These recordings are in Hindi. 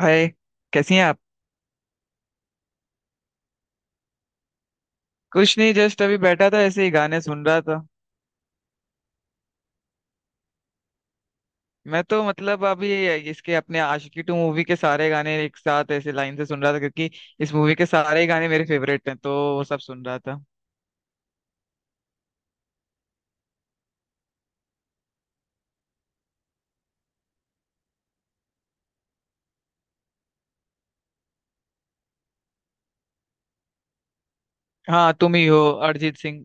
हाय। कैसी हैं आप। कुछ नहीं, जस्ट अभी बैठा था, ऐसे ही गाने सुन रहा था। मैं तो मतलब अभी इसके अपने आशिकी टू मूवी के सारे गाने एक साथ ऐसे लाइन से सुन रहा था, क्योंकि इस मूवी के सारे ही गाने मेरे फेवरेट हैं तो वो सब सुन रहा था। हाँ, तुम ही हो। अरिजीत सिंह।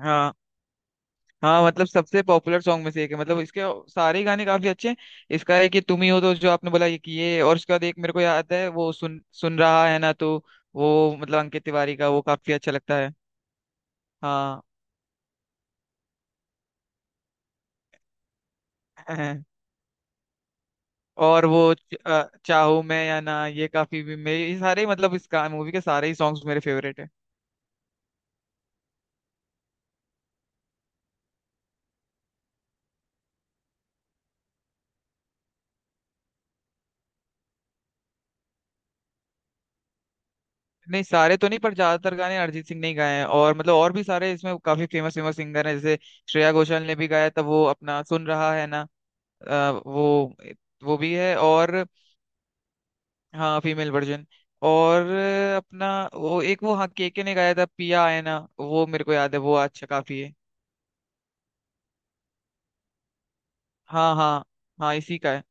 हाँ हाँ, मतलब सबसे पॉपुलर सॉन्ग में से एक है, मतलब इसके सारे ही गाने काफी अच्छे हैं। इसका है कि तुम ही हो, तो जो आपने बोला ये कि ये, और उसके बाद एक मेरे को याद है वो सुन सुन रहा है ना तो वो मतलब अंकित तिवारी का, वो काफी अच्छा लगता है। हाँ। और वो चाहूं मैं या ना, ये काफी भी मेरे, ये सारे मतलब इस मूवी के सारे ही सॉन्ग्स मेरे फेवरेट है। नहीं सारे तो नहीं, पर ज्यादातर गाने अरिजीत सिंह ने ही गाए हैं, और मतलब और भी सारे इसमें काफी फेमस फेमस सिंगर हैं जैसे श्रेया घोषाल ने भी गाया था, वो अपना सुन रहा है ना, अ, वो वो भी है। और हाँ, फीमेल वर्जन। और अपना वो एक वो, हाँ, केके ने गाया था पिया आए ना, वो मेरे को याद है, वो अच्छा काफी है। हाँ हाँ। हाँ, इसी का है।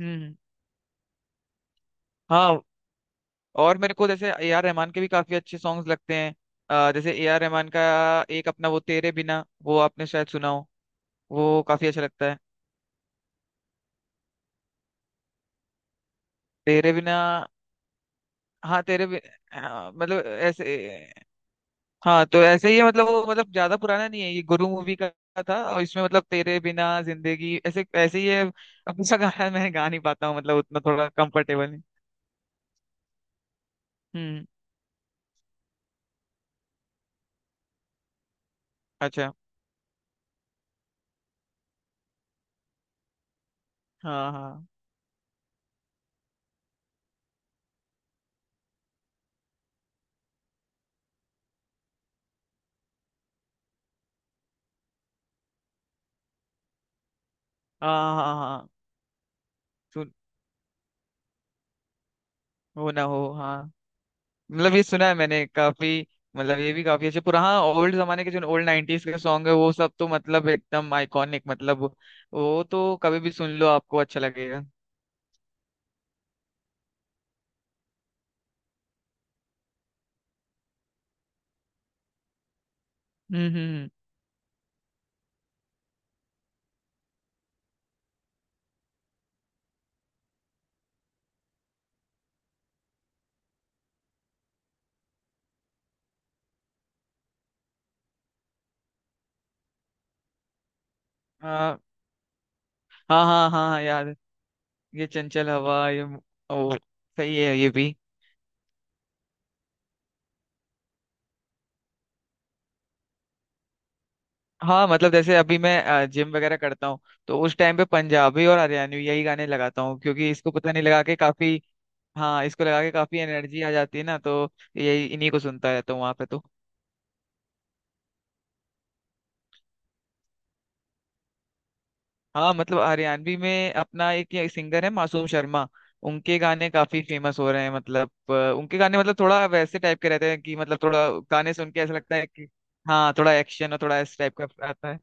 हम्म। हाँ, और मेरे को जैसे ए आर रहमान के भी काफी अच्छे सॉन्ग्स लगते हैं। जैसे ए आर रहमान का एक अपना वो तेरे बिना, वो आपने शायद सुना हो, वो काफी अच्छा लगता है। तेरे बिना। हाँ, हाँ, मतलब ऐसे, हाँ तो ऐसे ही है, मतलब वो, मतलब ज्यादा पुराना नहीं है, ये गुरु मूवी का था, और इसमें मतलब तेरे बिना जिंदगी ऐसे ऐसे ही है। अब सा गाना मैं गा नहीं पाता हूँ, मतलब उतना थोड़ा कंफर्टेबल हूँ। हम्म। अच्छा। हाँ हाँ हाँ। हाँ हाँ। सुन। वो ना हो, हाँ। मतलब ये सुना है मैंने काफी, मतलब ये भी काफी अच्छे, पुराना ओल्ड जमाने के जो ओल्ड नाइनटीज के सॉन्ग है वो सब तो मतलब एकदम आइकॉनिक, मतलब वो तो कभी भी सुन लो आपको अच्छा लगेगा। हम्म। हाँ हाँ हाँ। हाँ यार, ये चंचल हवा ये। ओ, सही है ये भी। हाँ मतलब जैसे अभी मैं जिम वगैरह करता हूँ, तो उस टाइम पे पंजाबी और हरियाणवी यही गाने लगाता हूँ, क्योंकि इसको पता नहीं लगा के काफी। हाँ, इसको लगा के काफी एनर्जी आ जाती है ना, तो यही इन्हीं को सुनता रहता हूँ वहां पे तो। हाँ, मतलब हरियाणवी में अपना एक ये सिंगर है, मासूम शर्मा। उनके गाने काफी फेमस हो रहे हैं, मतलब उनके गाने मतलब थोड़ा वैसे टाइप के रहते हैं कि, मतलब थोड़ा गाने सुन के ऐसा लगता है कि। हाँ, थोड़ा एक्शन और थोड़ा इस टाइप का आता है।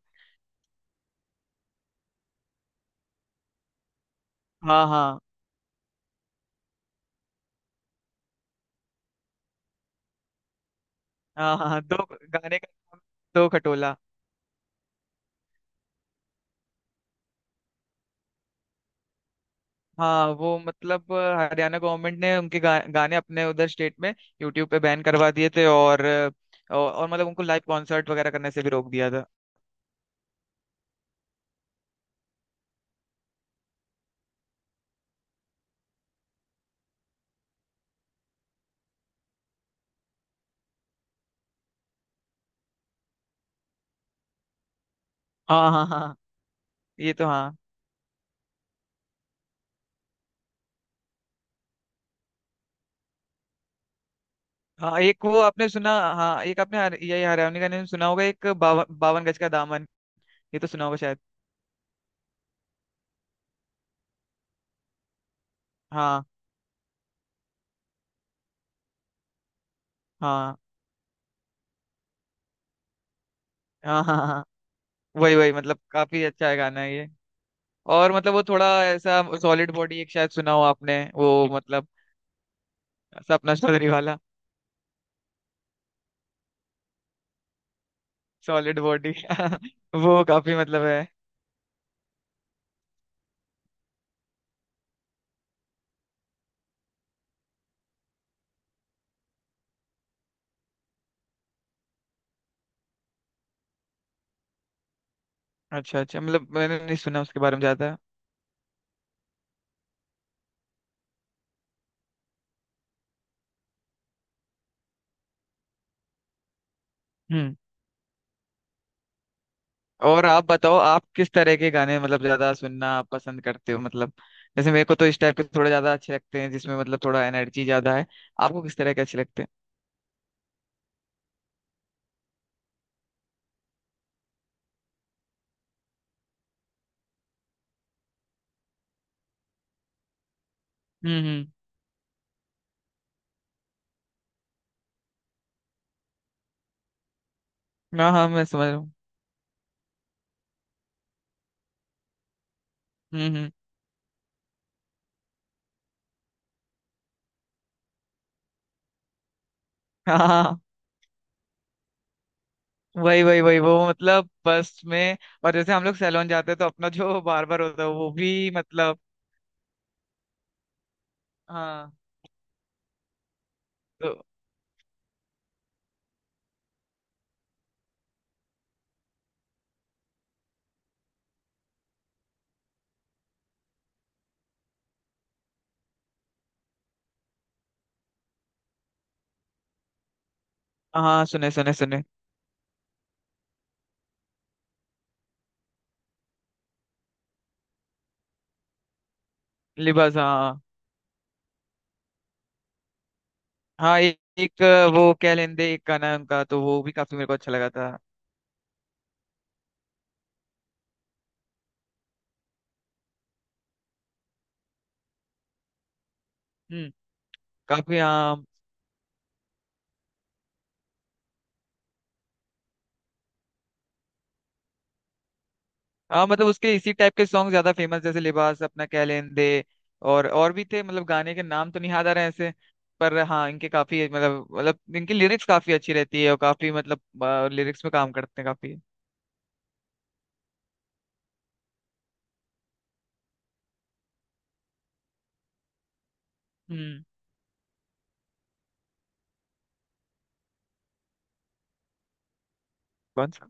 हाँ हाँ हाँ। हाँ हाँ, दो, गाने का नाम दो खटोला। हाँ वो मतलब हरियाणा गवर्नमेंट ने उनके गाने अपने उधर स्टेट में यूट्यूब पे बैन करवा दिए थे, और मतलब उनको लाइव कॉन्सर्ट वगैरह करने से भी रोक दिया था। हाँ हाँ हाँ, ये तो हाँ। हाँ, एक वो आपने सुना, हाँ एक आपने ये हरियाणवी का नाम सुना होगा, एक बावन बावन गज का दामन, ये तो सुना होगा शायद। हाँ हाँ हाँ। हाँ हाँ, वही वही, मतलब काफी अच्छा है गाना ये। और मतलब वो थोड़ा ऐसा सॉलिड बॉडी एक शायद सुना हो आपने, वो मतलब। सपना चौधरी वाला सॉलिड बॉडी। वो काफी मतलब है। अच्छा अच्छा, मतलब मैंने नहीं सुना उसके बारे में ज्यादा। हम्म। और आप बताओ, आप किस तरह के गाने मतलब ज्यादा सुनना आप पसंद करते हो? मतलब जैसे मेरे को तो इस टाइप के थोड़े ज्यादा अच्छे लगते हैं, जिसमें मतलब थोड़ा एनर्जी ज्यादा है। आपको किस तरह के अच्छे लगते हैं? हम्म। हाँ हाँ, मैं समझ रहा हूँ। हम्म। हाँ हाँ, वही वही वही, वो मतलब बस में। और जैसे हम लोग सैलून जाते हैं, तो अपना जो बार्बर होता है वो भी मतलब। हाँ। तो हाँ, सुने सुने सुने। लिबास, हाँ। हाँ, एक वो कह लेंदे एक गाना है उनका, तो वो भी काफी मेरे को अच्छा लगा था। हम्म। काफी हाँ। हाँ मतलब उसके इसी टाइप के सॉन्ग ज्यादा फेमस, जैसे लिबास, अपना कह लेन दे। और भी थे, मतलब गाने के नाम तो नहीं याद आ रहे हैं ऐसे, पर हाँ इनके काफी मतलब, इनकी लिरिक्स काफी अच्छी रहती है, और काफी मतलब लिरिक्स में काम करते हैं काफी। हम्म। कौन सा?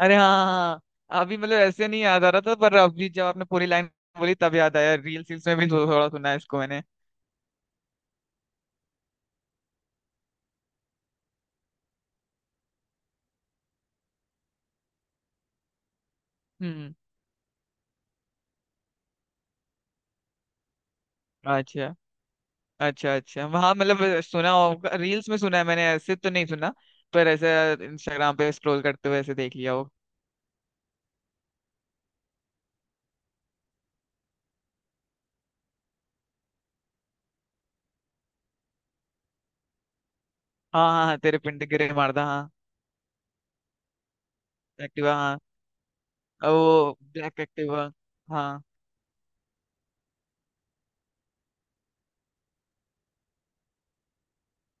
अरे हाँ हाँ हाँ। हाँ, अभी मतलब ऐसे नहीं याद आ रहा था, पर अभी जब आपने पूरी लाइन बोली तब याद आया। रील्स रील्स में भी थोड़ा सुना है इसको मैंने। हम्म। अच्छा अच्छा अच्छा, वहाँ मतलब सुना होगा, रील्स में सुना है मैंने, ऐसे तो नहीं सुना, पर ऐसे इंस्टाग्राम पे स्क्रॉल करते हुए ऐसे देख लिया हो। हाँ हाँ, तेरे पिंड गिरे मारदा, हाँ। एक्टिवा, हाँ। और वो ब्लैक एक्टिवा। हाँ।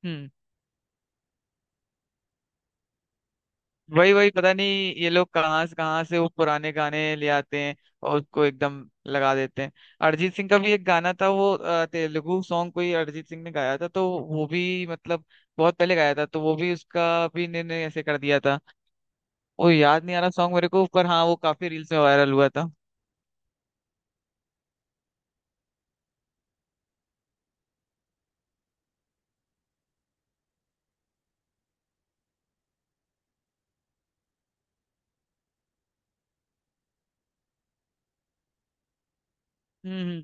हम्म। वही वही, पता नहीं ये लोग कहाँ से वो पुराने गाने ले आते हैं, और उसको एकदम लगा देते हैं। अरिजीत सिंह का भी एक गाना था वो तेलुगु सॉन्ग कोई अरिजीत सिंह ने गाया था, तो वो भी मतलब बहुत पहले गाया था, तो वो भी उसका भी इन्होंने ऐसे कर दिया था। वो याद नहीं आ रहा सॉन्ग मेरे को, पर हाँ वो काफी रील्स में वायरल हुआ था। हम्म।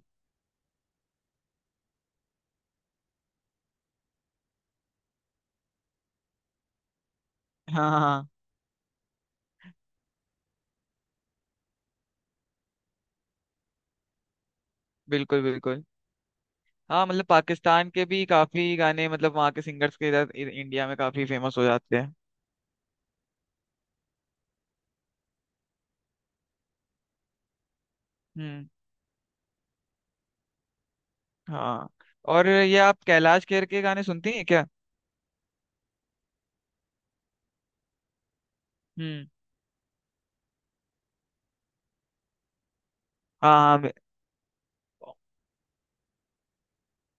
हाँ हाँ हाँ। बिल्कुल बिल्कुल। हाँ, मतलब पाकिस्तान के भी काफी गाने, मतलब वहाँ के सिंगर्स के इधर इंडिया में काफी फेमस हो जाते हैं। हम्म। हाँ, और ये आप कैलाश खेर के गाने सुनती हैं क्या? हम्म। हाँ हाँ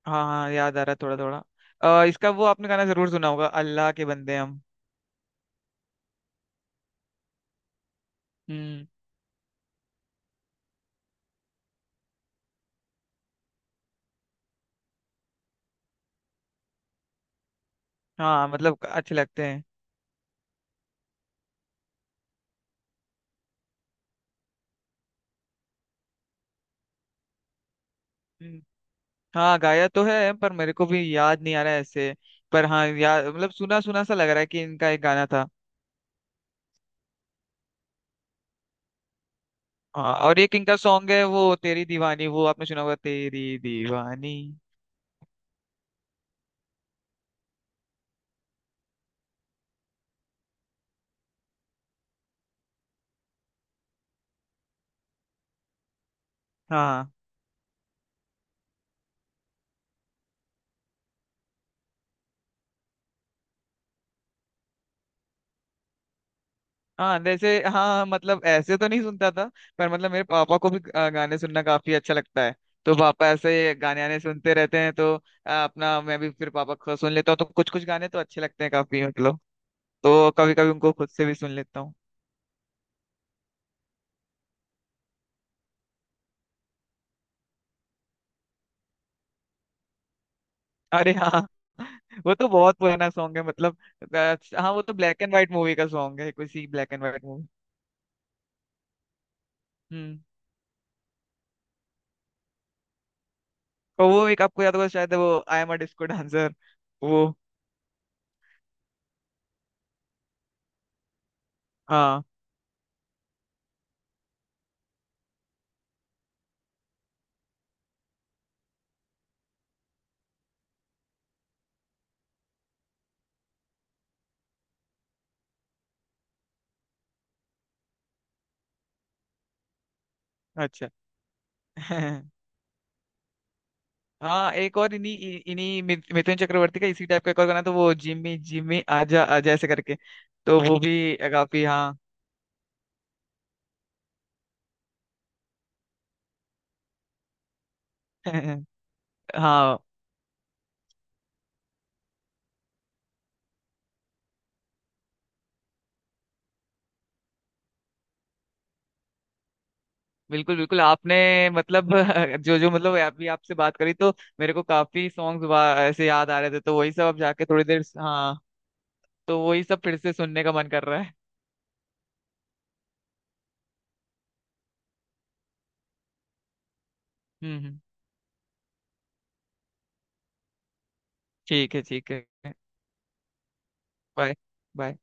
हाँ हाँ, याद आ रहा है थोड़ा थोड़ा। इसका वो आपने गाना जरूर सुना होगा, अल्लाह के बंदे हम। हम्म। हाँ, मतलब अच्छे लगते हैं। हम्म। हाँ, गाया तो है, पर मेरे को भी याद नहीं आ रहा है ऐसे, पर हाँ याद मतलब सुना सुना सा लग रहा है कि इनका एक गाना था। हाँ, और एक इनका सॉन्ग है वो तेरी दीवानी, वो आपने सुना होगा तेरी दीवानी। हाँ हाँ, जैसे हाँ मतलब ऐसे तो नहीं सुनता था, पर मतलब मेरे पापा को भी गाने सुनना काफी अच्छा लगता है, तो पापा ऐसे गाने आने सुनते रहते हैं, तो अपना मैं भी फिर पापा को सुन लेता हूँ, तो कुछ कुछ गाने तो अच्छे लगते हैं काफी मतलब। तो कभी कभी उनको खुद से भी सुन लेता हूँ। अरे हाँ। वो तो बहुत पुराना सॉन्ग है, मतलब। अ, हाँ, वो तो ब्लैक एंड व्हाइट मूवी का सॉन्ग है, कोई सी ब्लैक एंड व्हाइट मूवी। हम्म। और वो एक आपको याद होगा शायद, वो I am a disco dancer, वो। हाँ। अच्छा। हाँ, एक और इन्हीं इन्हीं मिथुन चक्रवर्ती का इसी टाइप का एक और गाना था वो, जिम्मी जिम्मी आजा आजा ऐसे करके, तो वो भी काफी हाँ। हाँ, बिल्कुल बिल्कुल। आपने मतलब जो जो मतलब अभी आपसे बात करी, तो मेरे को काफी सॉन्ग्स ऐसे याद आ रहे थे, तो वही सब अब जाके थोड़ी देर, हाँ, तो वही सब फिर से सुनने का मन कर रहा है। हम्म। ठीक है ठीक है। बाय। बाय।